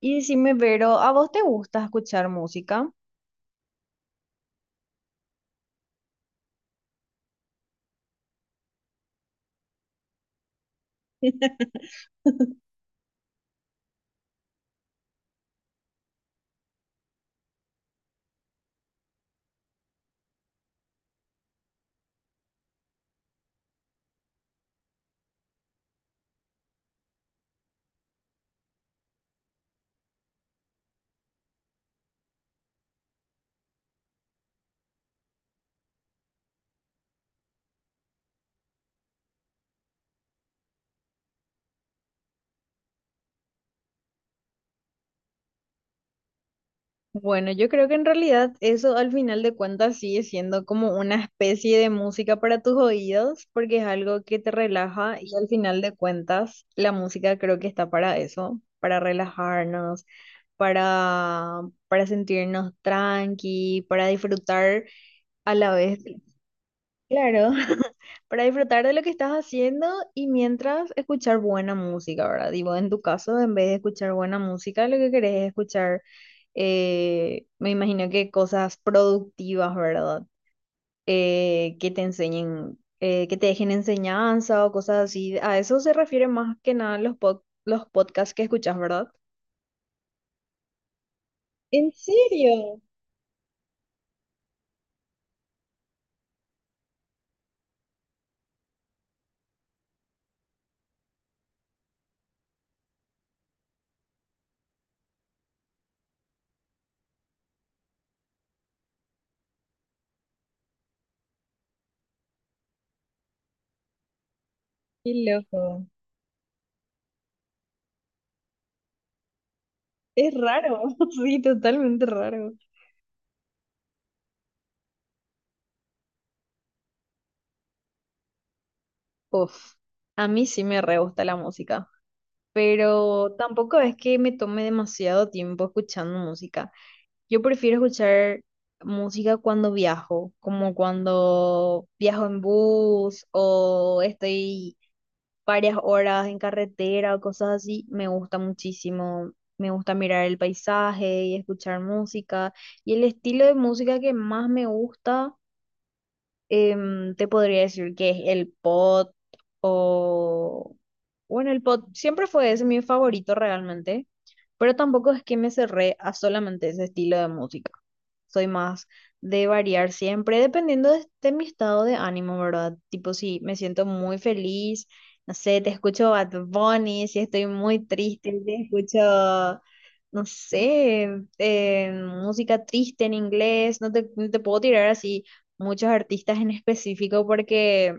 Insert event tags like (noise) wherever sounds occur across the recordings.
Y decime, Vero, ¿a vos te gusta escuchar música? Bueno, yo creo que en realidad eso al final de cuentas sigue siendo como una especie de música para tus oídos, porque es algo que te relaja y al final de cuentas la música creo que está para eso, para relajarnos, para, para sentirnos tranqui, para disfrutar a la vez. Claro, (laughs) para disfrutar de lo que estás haciendo y mientras escuchar buena música, ¿verdad? Digo, en tu caso, en vez de escuchar buena música, lo que querés es me imagino que cosas productivas, ¿verdad? Que te enseñen, que te dejen enseñanza o cosas así. A eso se refiere más que nada los podcasts que escuchas, ¿verdad? ¿En serio? Qué loco. Es raro, (laughs) sí, totalmente raro. Uf, a mí sí me re gusta la música, pero tampoco es que me tome demasiado tiempo escuchando música. Yo prefiero escuchar música cuando viajo, como cuando viajo en bus o estoy varias horas en carretera o cosas así. Me gusta muchísimo. Me gusta mirar el paisaje y escuchar música. Y el estilo de música que más me gusta, te podría decir que es el pot o... Bueno, el pot siempre fue ese mi favorito realmente, pero tampoco es que me cerré a solamente ese estilo de música. Soy más de variar siempre, dependiendo de mi estado de ánimo, ¿verdad? Tipo, si me siento muy feliz, no sé, te escucho Bad Bunny, si estoy muy triste, te escucho, no sé, música triste en inglés, no te puedo tirar así muchos artistas en específico porque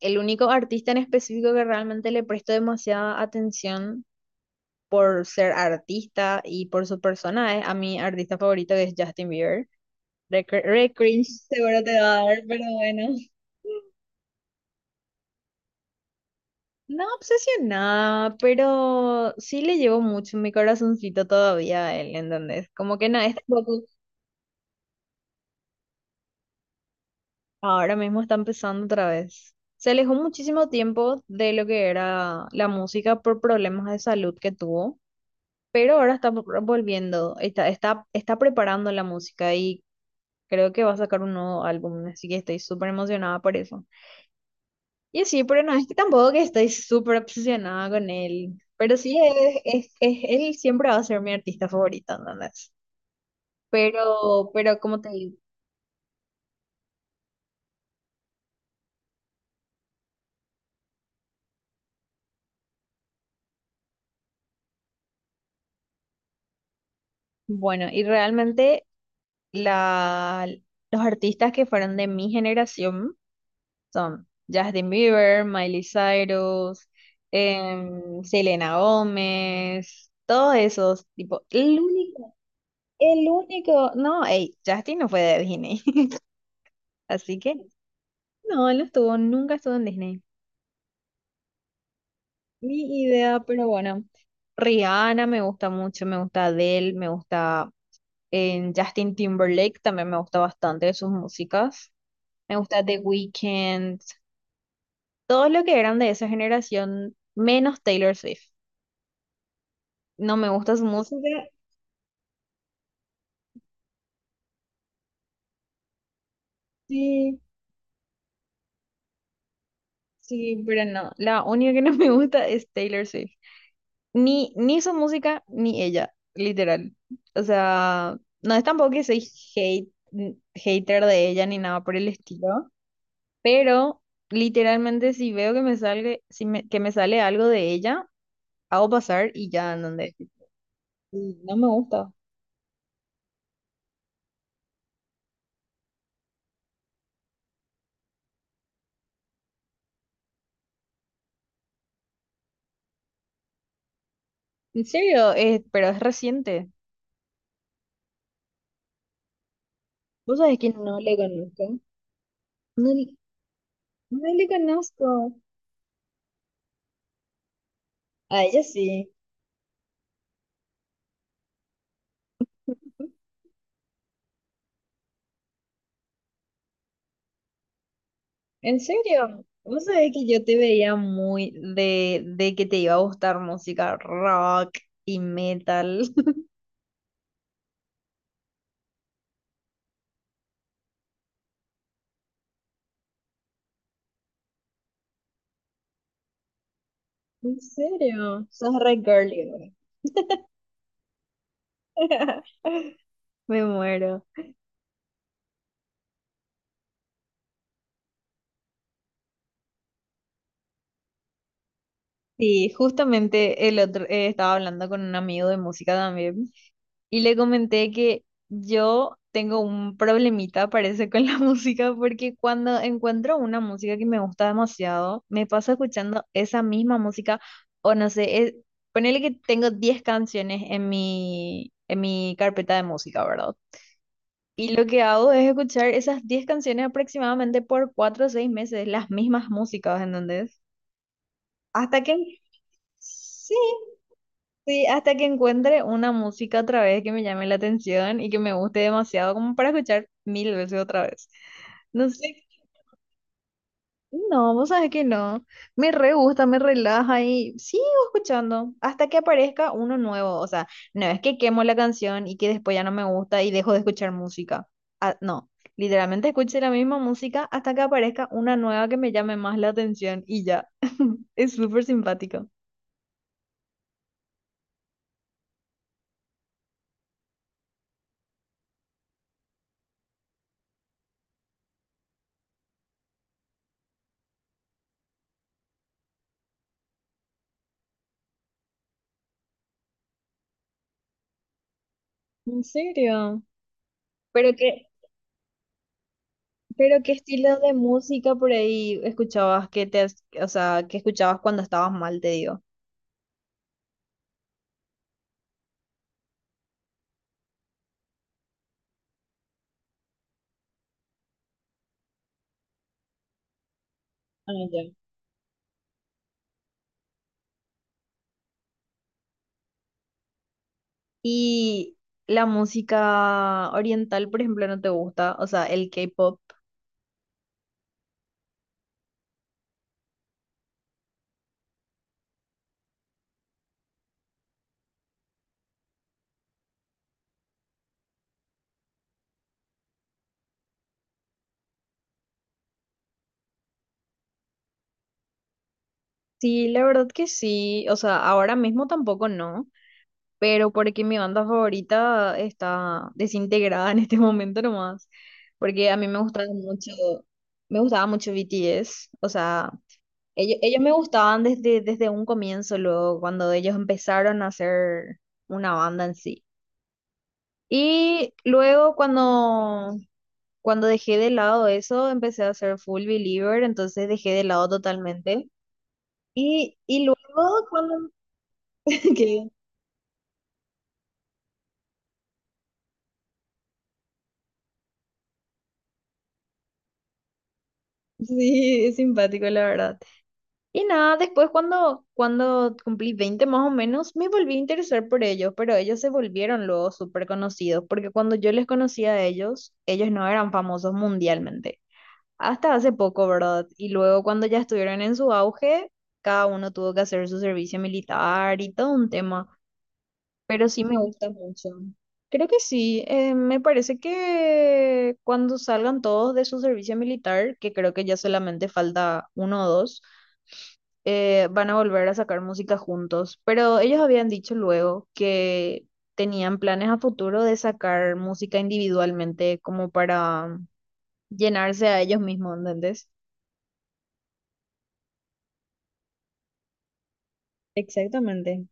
el único artista en específico que realmente le presto demasiada atención por ser artista y por su persona es a mi artista favorito, que es Justin Bieber. Re cringe (laughs) seguro te va a dar, pero bueno. No obsesionada, pero sí le llevo mucho en mi corazoncito todavía a él, ¿entendés? Como que no, es tampoco, ahora mismo está empezando otra vez. Se alejó muchísimo tiempo de lo que era la música por problemas de salud que tuvo, pero ahora está volviendo, está preparando la música y creo que va a sacar un nuevo álbum, así que estoy súper emocionada por eso. Y sí, pero no, es que tampoco que estoy súper obsesionada con él, pero sí, él siempre va a ser mi artista favorito, ¿entendés? Pero como te digo, bueno, y realmente la, los artistas que fueron de mi generación, son Justin Bieber, Miley Cyrus, Selena Gómez, todos esos, tipo, no, ey, Justin no fue de Disney, (laughs) así que no, él no estuvo, nunca estuvo en Disney. Ni idea, pero bueno. Rihanna me gusta mucho, me gusta Adele, me gusta, Justin Timberlake, también me gusta bastante sus músicas. Me gusta The Weeknd, todo lo que eran de esa generación, menos Taylor Swift. No me gusta su música, sí, sí, pero no. La única que no me gusta es Taylor Swift. Ni su música, ni ella, literal. O sea, no es tampoco que soy hater de ella ni nada por el estilo, pero literalmente si veo que me sale, si me- que me sale algo de ella, hago pasar y ya, en donde. Y no me gusta. En serio, es, pero es reciente. ¿Vos sabés que no le conozco? No, le- no le conozco. A ella sí. ¿En serio? Vos sabés que yo te veía muy de que te iba a gustar música rock y metal. (laughs) ¿En serio? Sos re girly, bro. (laughs) Me muero. Sí, justamente el otro, estaba hablando con un amigo de música también y le comenté que yo tengo un problemita, parece, con la (laughs) música, porque cuando encuentro una música que me gusta demasiado, me paso escuchando esa misma música, o no sé, ponele que tengo 10 canciones en en mi carpeta de música, ¿verdad? Y lo que hago es escuchar esas 10 canciones aproximadamente por 4 o 6 meses, las mismas músicas, ¿entendés? Hasta que... Sí, sí, hasta que encuentre una música otra vez que me llame la atención y que me guste demasiado como para escuchar mil veces otra vez. No sé, no, vos sabés que no. Me re gusta, me relaja y sigo escuchando hasta que aparezca uno nuevo. O sea, no es que quemo la canción y que después ya no me gusta y dejo de escuchar música. Ah, no, literalmente escuché la misma música hasta que aparezca una nueva que me llame más la atención y ya. (laughs) Es súper simpático. ¿En serio? ¿Pero qué? Pero ¿qué estilo de música por ahí escuchabas que o sea, que escuchabas cuando estabas mal, te digo? Ah, ya. Y la música oriental, por ejemplo, no te gusta, o sea, el K-pop. Sí, la verdad que sí, o sea, ahora mismo tampoco no, pero porque mi banda favorita está desintegrada (laughs) en este momento nomás, porque a mí me gustaba mucho BTS, o sea, ellos me gustaban desde, desde un comienzo, luego, cuando ellos empezaron a hacer una banda en sí. Y luego cuando dejé de lado eso, empecé a ser full believer, entonces dejé de lado totalmente. Y luego cuando... (laughs) que sí, es simpático, la verdad. Y nada, después cuando cumplí 20 más o menos, me volví a interesar por ellos, pero ellos se volvieron luego súper conocidos, porque cuando yo les conocí a ellos, ellos no eran famosos mundialmente hasta hace poco, ¿verdad? Y luego cuando ya estuvieron en su auge, cada uno tuvo que hacer su servicio militar y todo un tema, pero sí me gusta mucho. Creo que sí, me parece que cuando salgan todos de su servicio militar, que creo que ya solamente falta uno o dos, van a volver a sacar música juntos, pero ellos habían dicho luego que tenían planes a futuro de sacar música individualmente como para llenarse a ellos mismos, ¿entendés? Exactamente.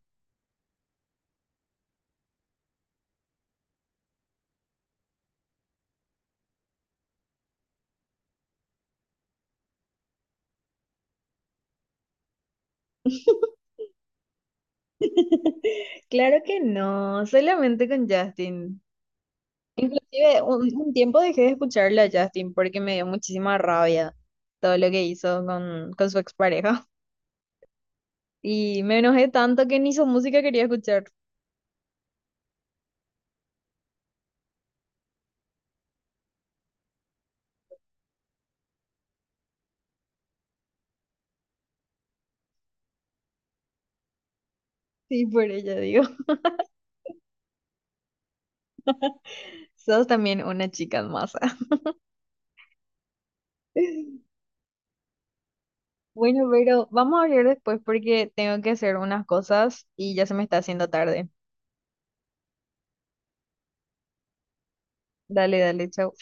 (laughs) Claro que no, solamente con Justin. Inclusive un tiempo dejé de escucharle a Justin porque me dio muchísima rabia todo lo que hizo con su expareja. (laughs) Y me enojé tanto que ni su música quería escuchar. Sí, por ella digo. (laughs) Sos también una chica en masa. (laughs) Bueno, pero vamos a hablar después porque tengo que hacer unas cosas y ya se me está haciendo tarde. Dale, dale, chao.